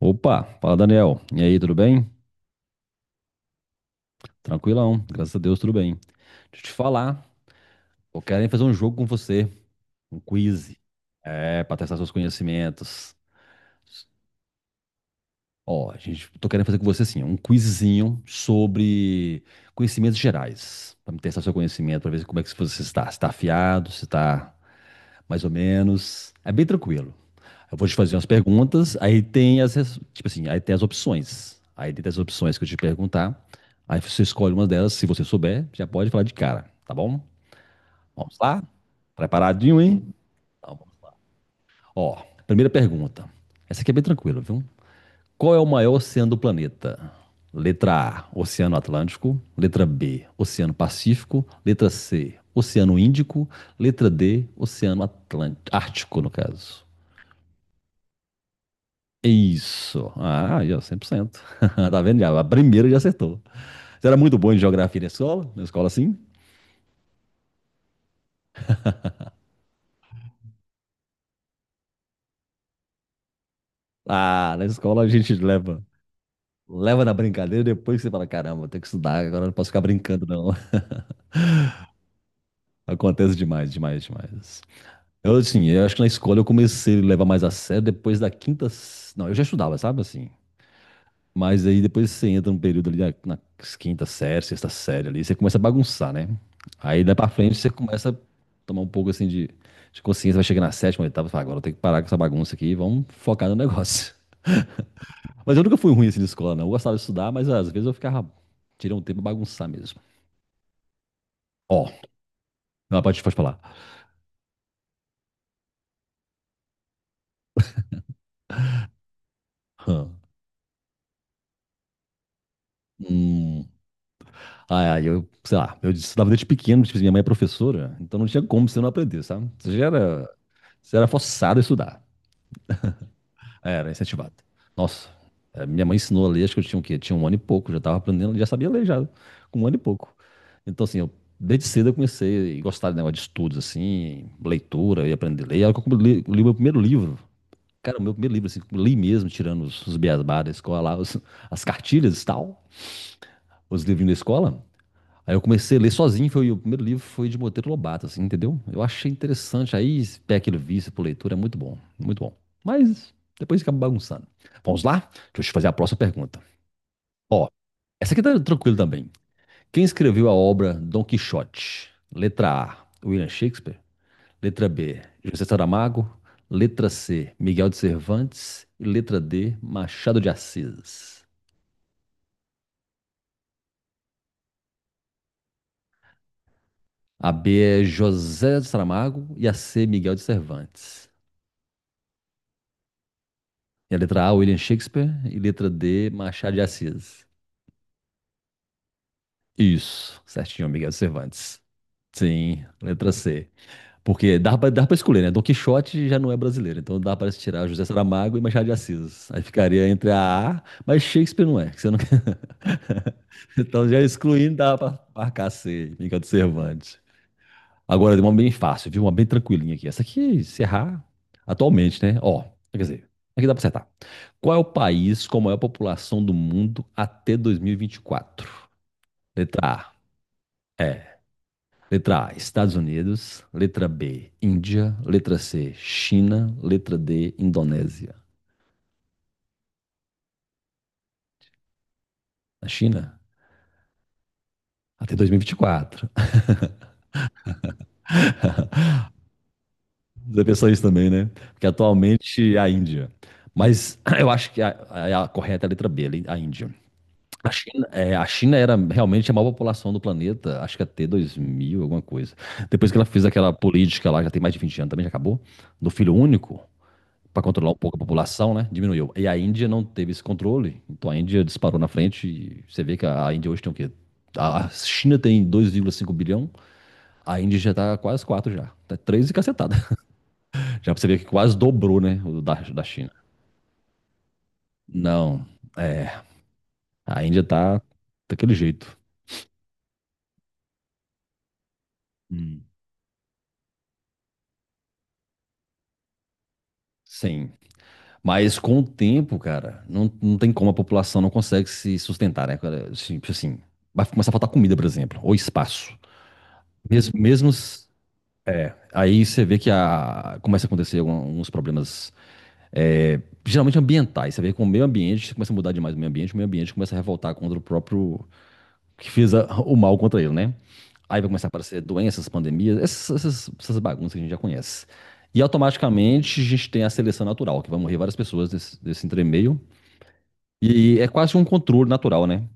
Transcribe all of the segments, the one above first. Opa, fala Daniel. E aí, tudo bem? Tranquilão, graças a Deus, tudo bem. Deixa eu te falar, eu quero fazer um jogo com você, um quiz. É, pra testar seus conhecimentos. Ó, gente, tô querendo fazer com você assim, um quizzinho sobre conhecimentos gerais, pra me testar seu conhecimento, pra ver como é que você está, se tá afiado, se tá mais ou menos. É bem tranquilo. Eu vou te fazer umas perguntas, aí tem as, tipo assim, aí tem as opções. Aí tem as opções que eu te perguntar. Aí você escolhe uma delas, se você souber, já pode falar de cara, tá bom? Vamos lá? Preparadinho, hein? Tá bom. Ó, primeira pergunta. Essa aqui é bem tranquila, viu? Qual é o maior oceano do planeta? Letra A, Oceano Atlântico. Letra B, Oceano Pacífico. Letra C, Oceano Índico. Letra D, Oceano Atlântico, Ártico, no caso. Isso. Ah, aí, ó, 100%. Tá vendo já? A primeira já acertou. Você era muito bom em geografia na escola? Na escola, sim? Ah, na escola a gente leva, leva na brincadeira depois que você fala, caramba, tenho que estudar, agora não posso ficar brincando, não. Acontece demais, demais, demais. Eu, assim, eu acho que na escola eu comecei a levar mais a sério depois da quinta... Não, eu já estudava, sabe, assim... Mas aí depois você entra um período ali na, na quinta série, sexta série ali, você começa a bagunçar, né? Aí daí pra frente você começa a tomar um pouco assim de consciência, vai chegar na sétima, oitava, e fala, agora eu tenho que parar com essa bagunça aqui e vamos focar no negócio. Mas eu nunca fui ruim assim de escola, não. Eu gostava de estudar, mas às vezes eu ficava, tirei um tempo pra bagunçar mesmo. Ó, não, pode, pode falar. Hã. Hum. ai Aí eu, sei lá, eu estudava desde pequeno, tipo, minha mãe é professora, então não tinha como você não aprender, sabe? Você já era, você era forçado a estudar. Era incentivado. Nossa, é, minha mãe ensinou a ler, acho que eu tinha o quê? Tinha um ano e pouco, já tava aprendendo, já sabia ler já, com um ano e pouco. Então, assim, eu, desde cedo eu comecei a gostar de negócio de estudos, assim, leitura e aprender a ler. Aí eu li, li meu primeiro livro. Cara, o meu primeiro livro, assim, que eu li mesmo, tirando os beabá da escola lá, as cartilhas e tal, os livrinhos da escola. Aí eu comecei a ler sozinho, foi o primeiro livro foi de Monteiro Lobato, assim, entendeu? Eu achei interessante, aí peguei aquele vício por leitura, é muito bom, muito bom. Mas depois fica bagunçando. Vamos lá? Deixa eu te fazer a próxima pergunta. Ó, essa aqui tá tranquila também. Quem escreveu a obra Dom Quixote? Letra A, William Shakespeare. Letra B, José Saramago. Letra C, Miguel de Cervantes. E letra D, Machado de Assis. A B é José Saramago e a C, Miguel de Cervantes. E a letra A, William Shakespeare. E letra D, Machado de Assis. Isso, certinho, Miguel Cervantes. Sim, letra C. Porque dá pra escolher, né? Dom Quixote já não é brasileiro, então dá pra se tirar José Saramago e Machado de Assis. Aí ficaria entre a A, mas Shakespeare não é, que você não quer. Então já excluindo, dá pra marcar C, Miguel de Cervantes. Agora, deu uma bem fácil, viu? Uma bem tranquilinha aqui. Essa aqui, se errar, atualmente, né? Ó, quer dizer, aqui dá pra acertar. Qual é o país com a maior população do mundo até 2024? Letra A, é. Letra A, Estados Unidos. Letra B, Índia. Letra C, China. Letra D, Indonésia. A China? Até 2024. Você pensou isso também, né? Porque atualmente é a Índia. Mas eu acho que a correta é a letra B, a Índia. A China, é, a China era realmente a maior população do planeta, acho que até 2000 alguma coisa. Depois que ela fez aquela política lá, já tem mais de 20 anos também, já acabou, do filho único, para controlar um pouco a população, né? Diminuiu. E a Índia não teve esse controle, então a Índia disparou na frente e você vê que a Índia hoje tem o quê? A China tem 2,5 bilhão, a Índia já tá quase 4 já. Tá 3 e cacetada. Já pra você ver que quase dobrou, né, o da, da China. Não, é, a Índia tá daquele jeito. Hum. Sim. Mas com o tempo, cara, não, não tem como a população não consegue se sustentar, né? Cara? Assim, tipo assim, vai começar a faltar comida, por exemplo, ou espaço. Mesmo, mesmo, aí você vê que a, começa a acontecer alguns problemas, é, geralmente ambientais. Você vê que com o meio ambiente começa a mudar demais o meio ambiente começa a revoltar contra o próprio que fez o mal contra ele, né? Aí vai começar a aparecer doenças, pandemias, essas bagunças que a gente já conhece. E automaticamente a gente tem a seleção natural, que vai morrer várias pessoas desse, desse entremeio. E é quase um controle natural, né?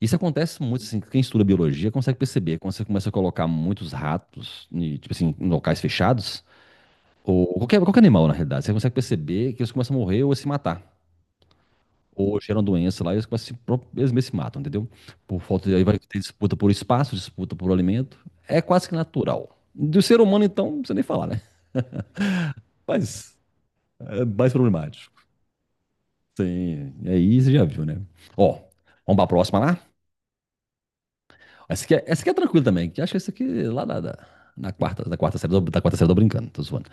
Isso acontece muito, assim, quem estuda biologia consegue perceber, quando você começa a colocar muitos ratos, e, tipo assim, em locais fechados, ou qualquer, qualquer animal, na realidade, você consegue perceber que eles começam a morrer ou a se matar. Ou geram doença lá e eles, começam a se, eles mesmos se matam, entendeu? Por falta de, aí vai ter disputa por espaço, disputa por alimento. É quase que natural. Do ser humano, então, não precisa nem falar, né? Mas é mais problemático. Sim, aí você já viu, né? Ó, vamos pra próxima lá? Essa aqui é tranquila também, que acho que essa aqui lá na quarta, da quarta série, tô brincando, tô zoando.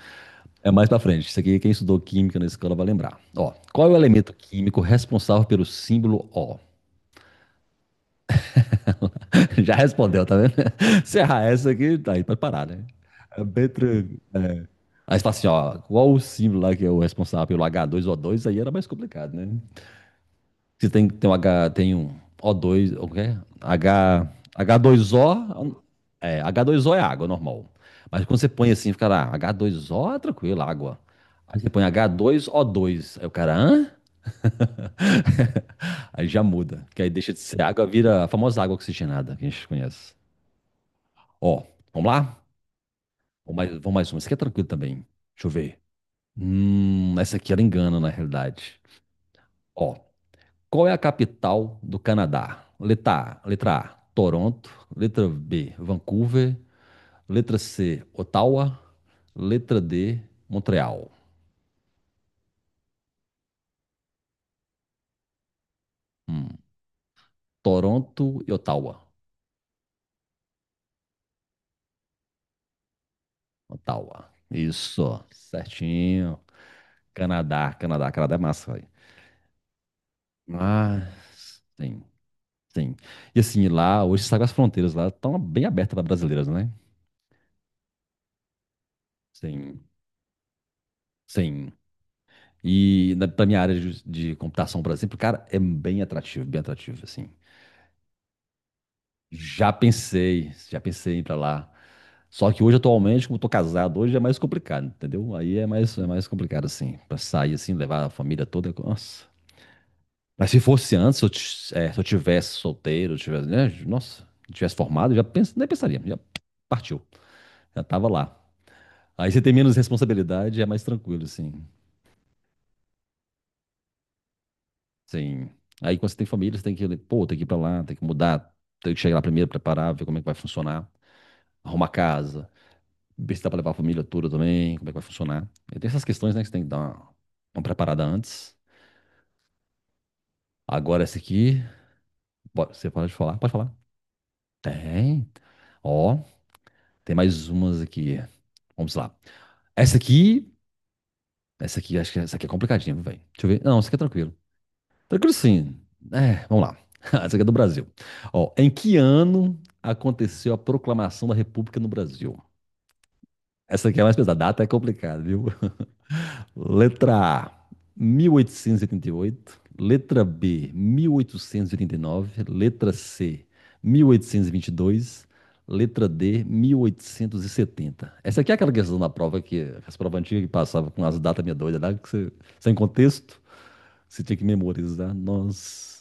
É mais pra frente. Isso aqui, quem estudou química na escola vai lembrar. Ó, qual é o elemento químico responsável pelo símbolo O? Já respondeu, tá vendo? Se errar essa aqui, tá aí, pode parar, né? É bem tranquilo. Aí você fala assim, ó, qual o símbolo lá que é o responsável pelo h dois o dois? Aí era mais complicado, né? Que tem, tem um H, tem um o dois o quê? H, H2O, é, h dois o é água normal. Mas quando você põe assim, fica lá, h dois o é tranquilo, água. Aí você põe h dois o dois aí o cara, hã? Aí já muda, que aí deixa de ser água, vira a famosa água oxigenada que a gente conhece. Ó, vamos lá? Vamos mais uma. Essa aqui é tranquilo também. Deixa eu ver. Essa aqui ela engana na realidade. Ó, qual é a capital do Canadá? Letra A, Toronto. Letra B, Vancouver. Letra C, Ottawa. Letra D, Montreal. Hum, Toronto e Ottawa. Ottawa. Isso, certinho. Canadá, Canadá, Canadá é massa, velho. Mas, sim, sim. E assim, lá, hoje você sabe as fronteiras lá estão bem abertas para brasileiras, né? Sim, sim. E na, pra minha área de computação, por exemplo, cara, é bem atrativo, assim. Já pensei em ir pra lá. Só que hoje, atualmente, como eu tô casado, hoje é mais complicado, entendeu? Aí é mais complicado, assim, pra sair, assim, levar a família toda. Nossa. Mas se fosse antes, se eu, é, se eu tivesse solteiro, eu tivesse, né? Nossa, tivesse formado, eu já nem pensaria, já partiu, já tava lá. Aí você tem menos responsabilidade, é mais tranquilo, assim. Sim. Aí quando você tem família, você tem que, pô, tem que ir pra lá, tem que mudar, tem que chegar lá primeiro, preparar, ver como é que vai funcionar, arrumar casa. Ver se dá pra levar a família toda também, como é que vai funcionar. E tem essas questões, né, que você tem que dar uma preparada antes. Agora essa aqui, você pode falar? Pode falar. Tem. Ó, tem mais umas aqui. Vamos lá. Essa aqui, essa aqui, acho que essa aqui é complicadinha, viu, velho. Deixa eu ver. Não, essa aqui é tranquilo. Tranquilo sim. É, vamos lá. Essa aqui é do Brasil. Ó, em que ano aconteceu a proclamação da República no Brasil? Essa aqui é mais pesada. A data é complicada, viu? Letra A, 1888. Letra B, 1889. Letra C, 1822. Letra D, 1870. Essa aqui é aquela questão da prova que as provas antigas que passavam com as datas meia doida, né? Sem contexto, você tinha que memorizar. Nossa.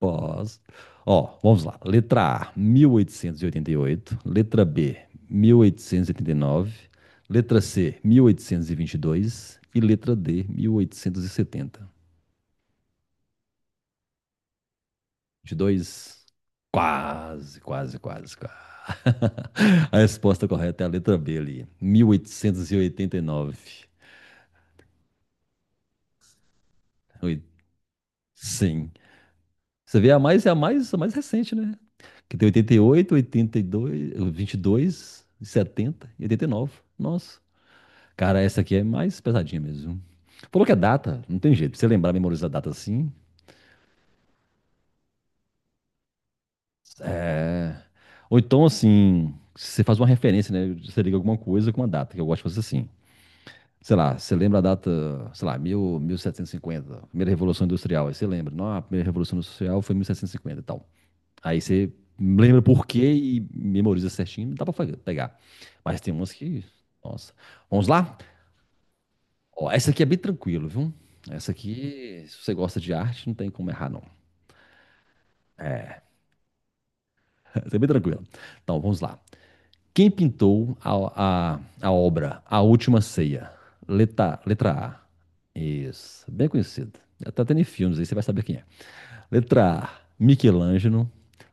Posso. Ó, vamos lá. Letra A, mil oitocentos e oitenta e oito. Letra B, 1889. Letra C, mil oitocentos e vinte e dois. E letra D, 1870. Vinte e dois, quase, quase, quase, quase. A resposta correta é a letra B ali, mil oitocentos e oitenta e nove. Oi, sim. Você vê é a mais recente, né? Que tem oitenta e oito, oitenta e dois, dois, vinte e setenta, e oitenta e nove. Nossa. Cara, essa aqui é mais pesadinha mesmo. Falou que é data, não tem jeito. Pra você lembrar, memorizar a data assim. Ou então, assim, você faz uma referência, né? Você liga alguma coisa com uma data, que eu gosto de fazer assim. Sei lá, você lembra a data, sei lá, 1000, 1750, primeira Revolução Industrial. Aí você lembra, não, a primeira Revolução Industrial foi 1750 e cinquenta e tal. Aí você lembra por quê e memoriza certinho, dá pra pegar. Mas tem umas que, nossa. Vamos lá? Ó, essa aqui é bem tranquilo, viu? Essa aqui, se você gosta de arte, não tem como errar, não. Essa é bem tranquila. Então, vamos lá. Quem pintou a obra A Última Ceia? Letra, letra A. Isso, bem conhecido. Tá tendo em filmes aí, você vai saber quem é. Letra A, Michelangelo.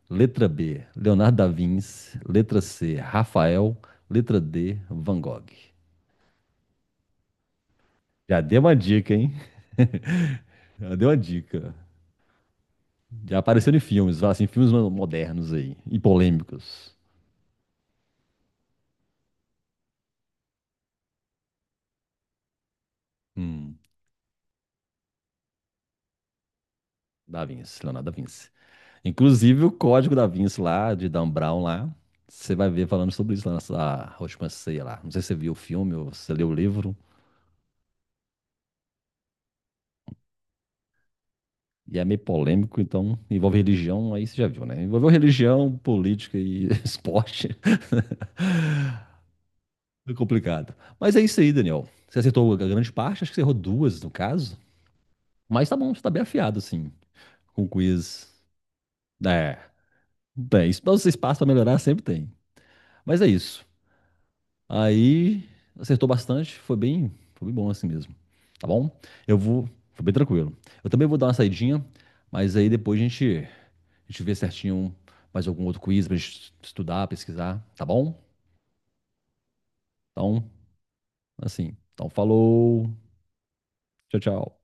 Letra B, Leonardo da Vinci. Letra C, Rafael. Letra D, Van Gogh. Já deu uma dica, hein? Já deu uma dica. Já apareceu em filmes, assim, filmes modernos aí, e polêmicos. Hum, da Vinci, Leonardo da Vinci. Inclusive o código da Vinci lá, de Dan Brown lá, você vai ver falando sobre isso lá nessa última ceia lá. Não sei se você viu o filme ou se você leu o livro, e é meio polêmico, então envolve religião, aí você já viu, né? Envolveu religião, política e esporte, é complicado. Mas é isso aí, Daniel. Você acertou a grande parte, acho que você errou duas no caso, mas tá bom, você tá bem afiado assim, com o quiz. É, bem, isso pra vocês passam pra melhorar, sempre tem. Mas é isso. Aí acertou bastante, foi bem bom assim mesmo. Tá bom? Eu vou, foi bem tranquilo. Eu também vou dar uma saidinha, mas aí depois a gente vê certinho mais algum outro quiz pra gente estudar, pesquisar, tá bom? Então, assim, então falou. Tchau, tchau.